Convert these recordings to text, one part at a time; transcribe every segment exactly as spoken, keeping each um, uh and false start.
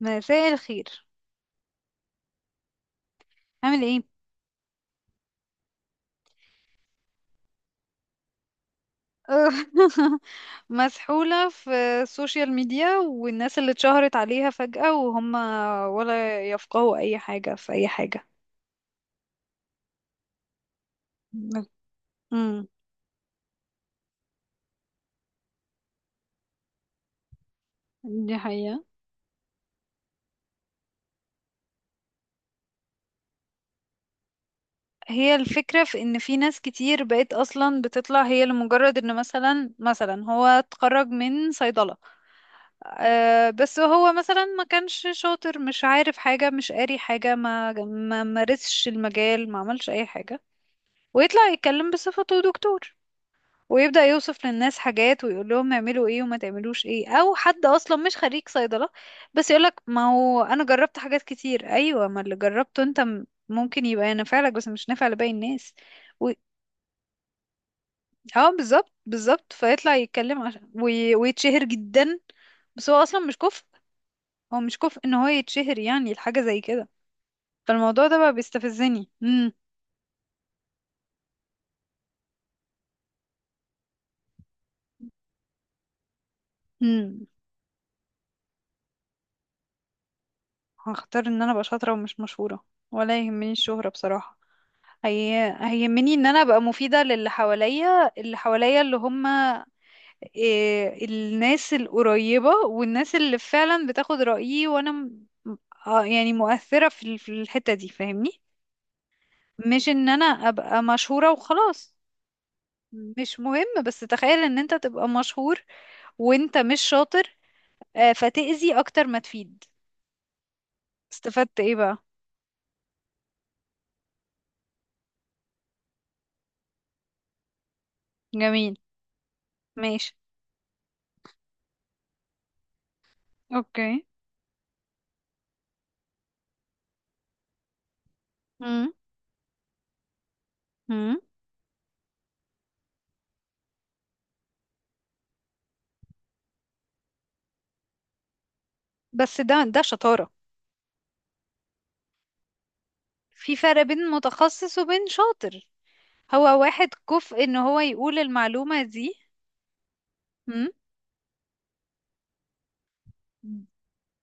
مساء الخير، عامل ايه؟ مسحولة في السوشيال ميديا والناس اللي اتشهرت عليها فجأة، وهم ولا يفقهوا اي حاجة في اي حاجة. امم دي حقيقة. هي الفكرة في ان في ناس كتير بقت اصلا بتطلع هي لمجرد ان مثلا مثلا هو اتخرج من صيدلة. أه بس هو مثلا ما كانش شاطر، مش عارف حاجة، مش قاري حاجة، ما ما مارسش المجال، ما عملش اي حاجة. ويطلع يتكلم بصفته دكتور، ويبدأ يوصف للناس حاجات ويقول لهم اعملوا ايه وما تعملوش ايه. او حد اصلا مش خريج صيدلة بس يقولك: ما هو انا جربت حاجات كتير، ايوه، ما اللي جربته انت م- ممكن يبقى نافع لك بس مش نافع لباقي الناس. و... اه، بالظبط بالظبط، فيطلع يتكلم عشان وي... ويتشهر جدا، بس هو اصلا مش كفء. هو مش كفء ان هو يتشهر، يعني الحاجة زي كده. فالموضوع ده بقى بيستفزني امم امم هختار ان انا ابقى شاطرة ومش مشهورة، ولا يهمني الشهرة بصراحة. هي هيهمني ان انا ابقى مفيدة للي حواليا اللي حواليا اللي هم، إيه، الناس القريبة والناس اللي فعلا بتاخد رأيي، وانا م- آه يعني مؤثرة في ال- في الحتة دي، فاهمني؟ مش ان انا ابقى مشهورة وخلاص. مش مهم، بس تخيل ان انت تبقى مشهور وانت مش شاطر. آه، فتأذي اكتر ما تفيد. استفدت ايه بقى؟ جميل، ماشي، اوكي. مم. مم. بس ده ده شطارة. في فرق بين متخصص وبين شاطر. هو واحد كفء ان هو يقول المعلومة دي. مم،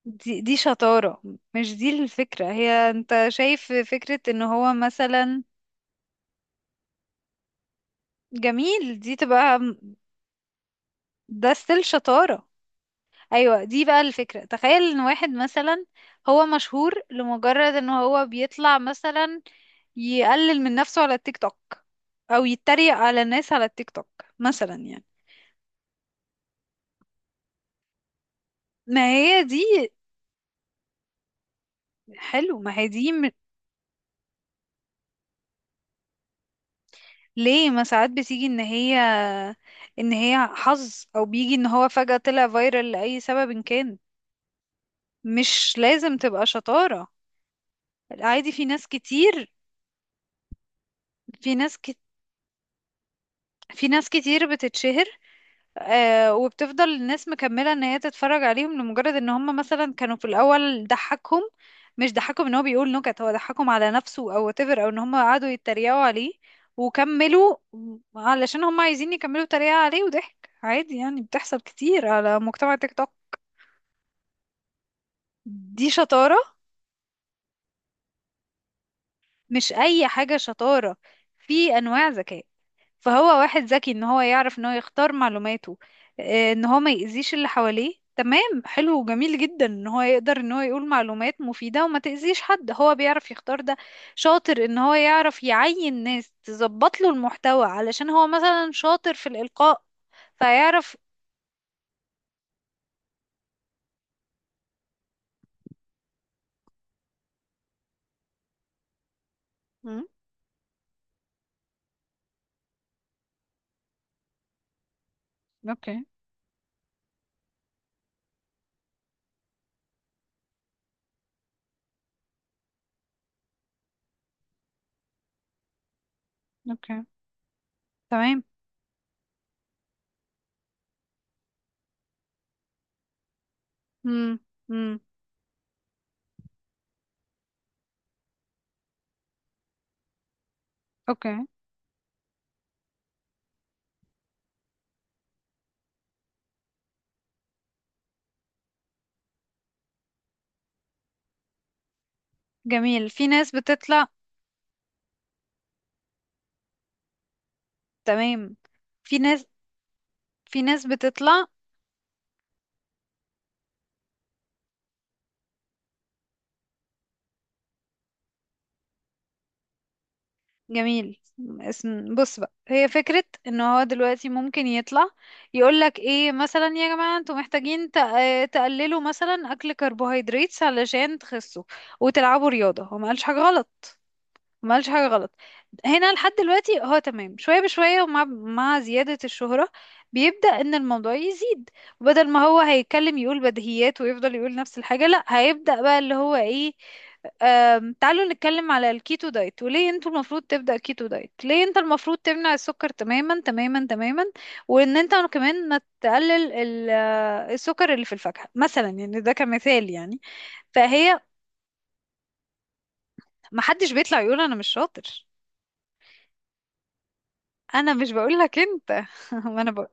دي, دي شطارة. مش دي الفكرة، هي انت شايف فكرة ان هو مثلا، جميل، دي تبقى، ده ستيل شطارة. ايوه، دي بقى الفكرة. تخيل ان واحد مثلا هو مشهور لمجرد ان هو بيطلع مثلا يقلل من نفسه على التيك توك، او يتريق على الناس على التيك توك، مثلا يعني. ما هي دي، حلو، ما هي دي. ليه، ما ساعات بتيجي ان هي ان هي حظ، او بيجي ان هو فجأة طلع فايرال لأي سبب إن كان. مش لازم تبقى شطارة، عادي، في ناس كتير. في ناس كت... في ناس كتير بتتشهر، آه، وبتفضل الناس مكملة ان هي تتفرج عليهم لمجرد ان هم مثلا كانوا في الاول ضحكهم. مش ضحكهم ان هو بيقول نكت، هو ضحكهم على نفسه او whatever، او ان هم قعدوا يتريقوا عليه وكملوا، علشان هم عايزين يكملوا تريقة عليه وضحك عادي، يعني بتحصل كتير على مجتمع تيك توك. دي شطارة، مش اي حاجة شطارة. في انواع ذكاء. فهو واحد ذكي ان هو يعرف ان هو يختار معلوماته، آه، ان هو ما يأذيش اللي حواليه. تمام، حلو وجميل جدا ان هو يقدر ان هو يقول معلومات مفيدة وما تأذيش حد، هو بيعرف يختار ده. شاطر ان هو يعرف يعين ناس تظبط له المحتوى علشان هو مثلا شاطر في الإلقاء، فيعرف. مم، اوكي، اوكي، تمام. مم. مم. اوكي، جميل، في ناس بتطلع، تمام، في ناس في ناس بتطلع، جميل. اسم، بص بقى، هي فكرة ان هو دلوقتي ممكن يطلع يقولك ايه، مثلا: يا جماعة انتوا محتاجين تق- آه، تقللوا مثلا اكل كربوهيدرات علشان تخسوا وتلعبوا رياضة. هو ما قالش حاجة غلط، ما عملش حاجة غلط. هنا لحد دلوقتي هو تمام. شوية بشوية ومع مع زيادة الشهرة، بيبدأ ان الموضوع يزيد، وبدل ما هو هيتكلم يقول بديهيات ويفضل يقول نفس الحاجة، لا، هيبدأ بقى اللي هو ايه، أم، تعالوا نتكلم على الكيتو دايت، وليه انتوا المفروض تبدأ كيتو دايت، ليه انت المفروض تمنع السكر تماما تماما تماما، وان انت كمان ما تقلل ال- آه، السكر اللي في الفاكهة مثلا، يعني ده كمثال يعني. فهي محدش بيطلع يقول انا مش شاطر. انا مش بقولك انت، ما انا بقول،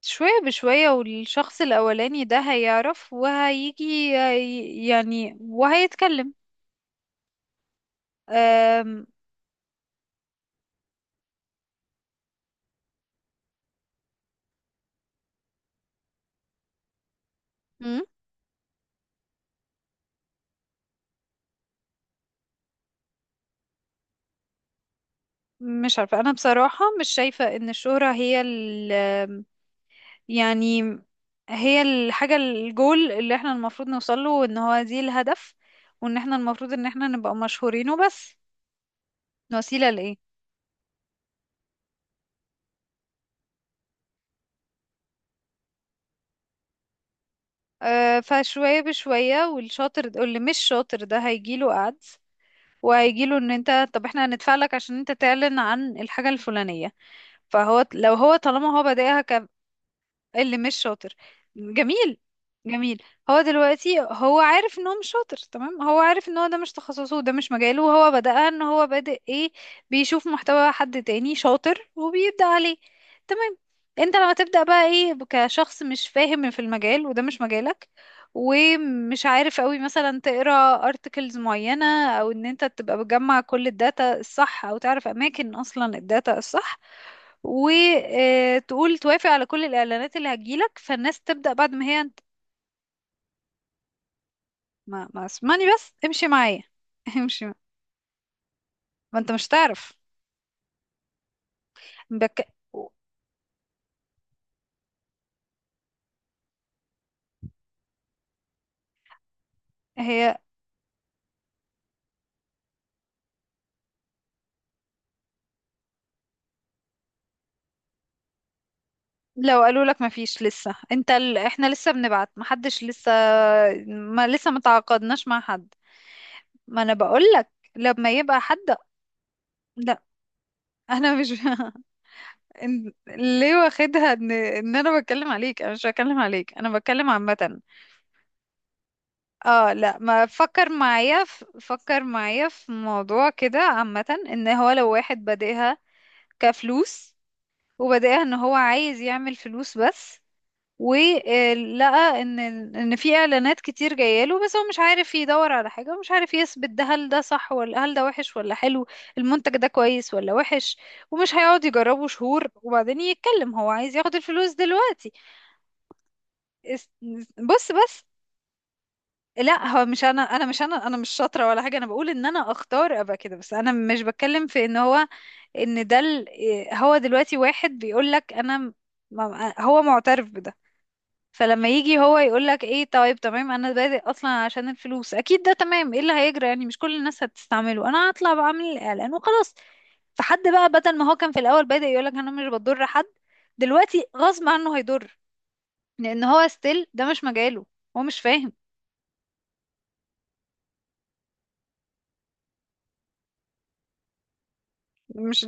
شوية بشوية والشخص الاولاني ده هيعرف وهيجي ي- يعني، وهيتكلم. أم، مم؟ مش عارفة، أنا بصراحة مش شايفة إن الشهرة هي ال يعني هي الحاجة الجول اللي احنا المفروض نوصله، وإن هو دي الهدف، وإن احنا المفروض إن احنا نبقى مشهورين وبس. وسيلة لإيه؟ أه، فشوية بشوية والشاطر واللي مش شاطر ده هيجيله قعد، وهيجيله ان انت طب احنا هندفع لك عشان انت تعلن عن الحاجة الفلانية. فهو لو هو طالما هو بادئها، اللي مش شاطر، جميل، جميل. هو دلوقتي هو عارف ان هو مش شاطر، تمام، هو عارف ان هو ده مش تخصصه وده مش مجاله، وهو بدأ ان هو بادئ ايه؟ بيشوف محتوى حد تاني شاطر وبيبدأ عليه. تمام، انت لما تبدأ بقى ايه كشخص مش فاهم في المجال، وده مش مجالك، ومش عارف قوي مثلا تقرا ارتكلز معينة، او ان انت تبقى بتجمع كل الداتا الصح، او تعرف اماكن اصلا الداتا الصح، وتقول توافق على كل الإعلانات اللي هتجيلك، فالناس تبدأ بعد ما هي انت، ما, ما اسمعني بس، امشي معايا. امشي مع- ما انت مش تعرف، بك... هي لو قالوا لك ما فيش لسه، انت ال... احنا لسه بنبعت، ما حدش لسه، ما لسه ما تعاقدناش مع حد. ما انا بقول لك لما يبقى حد، لا، انا مش إن- ليه واخدها ان ان انا بتكلم عليك؟ انا مش بتكلم عليك، انا بتكلم عامة. اه لا، ما فكر معايا، ف- فكر معايا في موضوع كده عامة، ان هو لو واحد بادئها كفلوس، وبادئها ان هو عايز يعمل فلوس بس، ولقى ان ان في اعلانات كتير جايله، بس هو مش عارف يدور على حاجة، ومش عارف يثبت ده، هل ده صح ولا هل ده وحش ولا حلو، المنتج ده كويس ولا وحش. ومش هيقعد يجربه شهور وبعدين يتكلم، هو عايز ياخد الفلوس دلوقتي. اس- بص بس، لا، هو مش، انا انا مش انا انا مش شاطره ولا حاجه، انا بقول ان انا اختار ابقى كده، بس انا مش بتكلم في ان هو، ان ده ال- إيه، هو دلوقتي واحد بيقول لك انا م- م- هو معترف بده. فلما يجي هو يقول لك ايه: طيب تمام، انا بادئ اصلا عشان الفلوس، اكيد ده تمام، ايه اللي هيجرى يعني، مش كل الناس هتستعمله، انا هطلع بعمل الاعلان وخلاص. فحد بقى بدل ما هو كان في الاول بادئ يقول لك انا مش بضر حد، دلوقتي غصب عنه هيضر، لان هو ستيل ده مش مجاله. هو مش فاهم. مش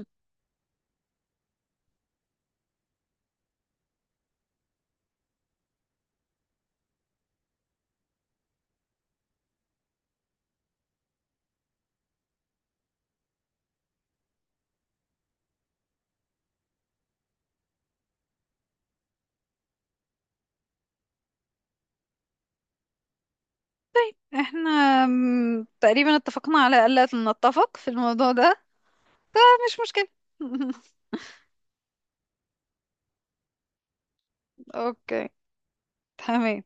احنا م- تقريبا اتفقنا على ألا نتفق في الموضوع ده. ده مش مشكلة. اوكي، تمام.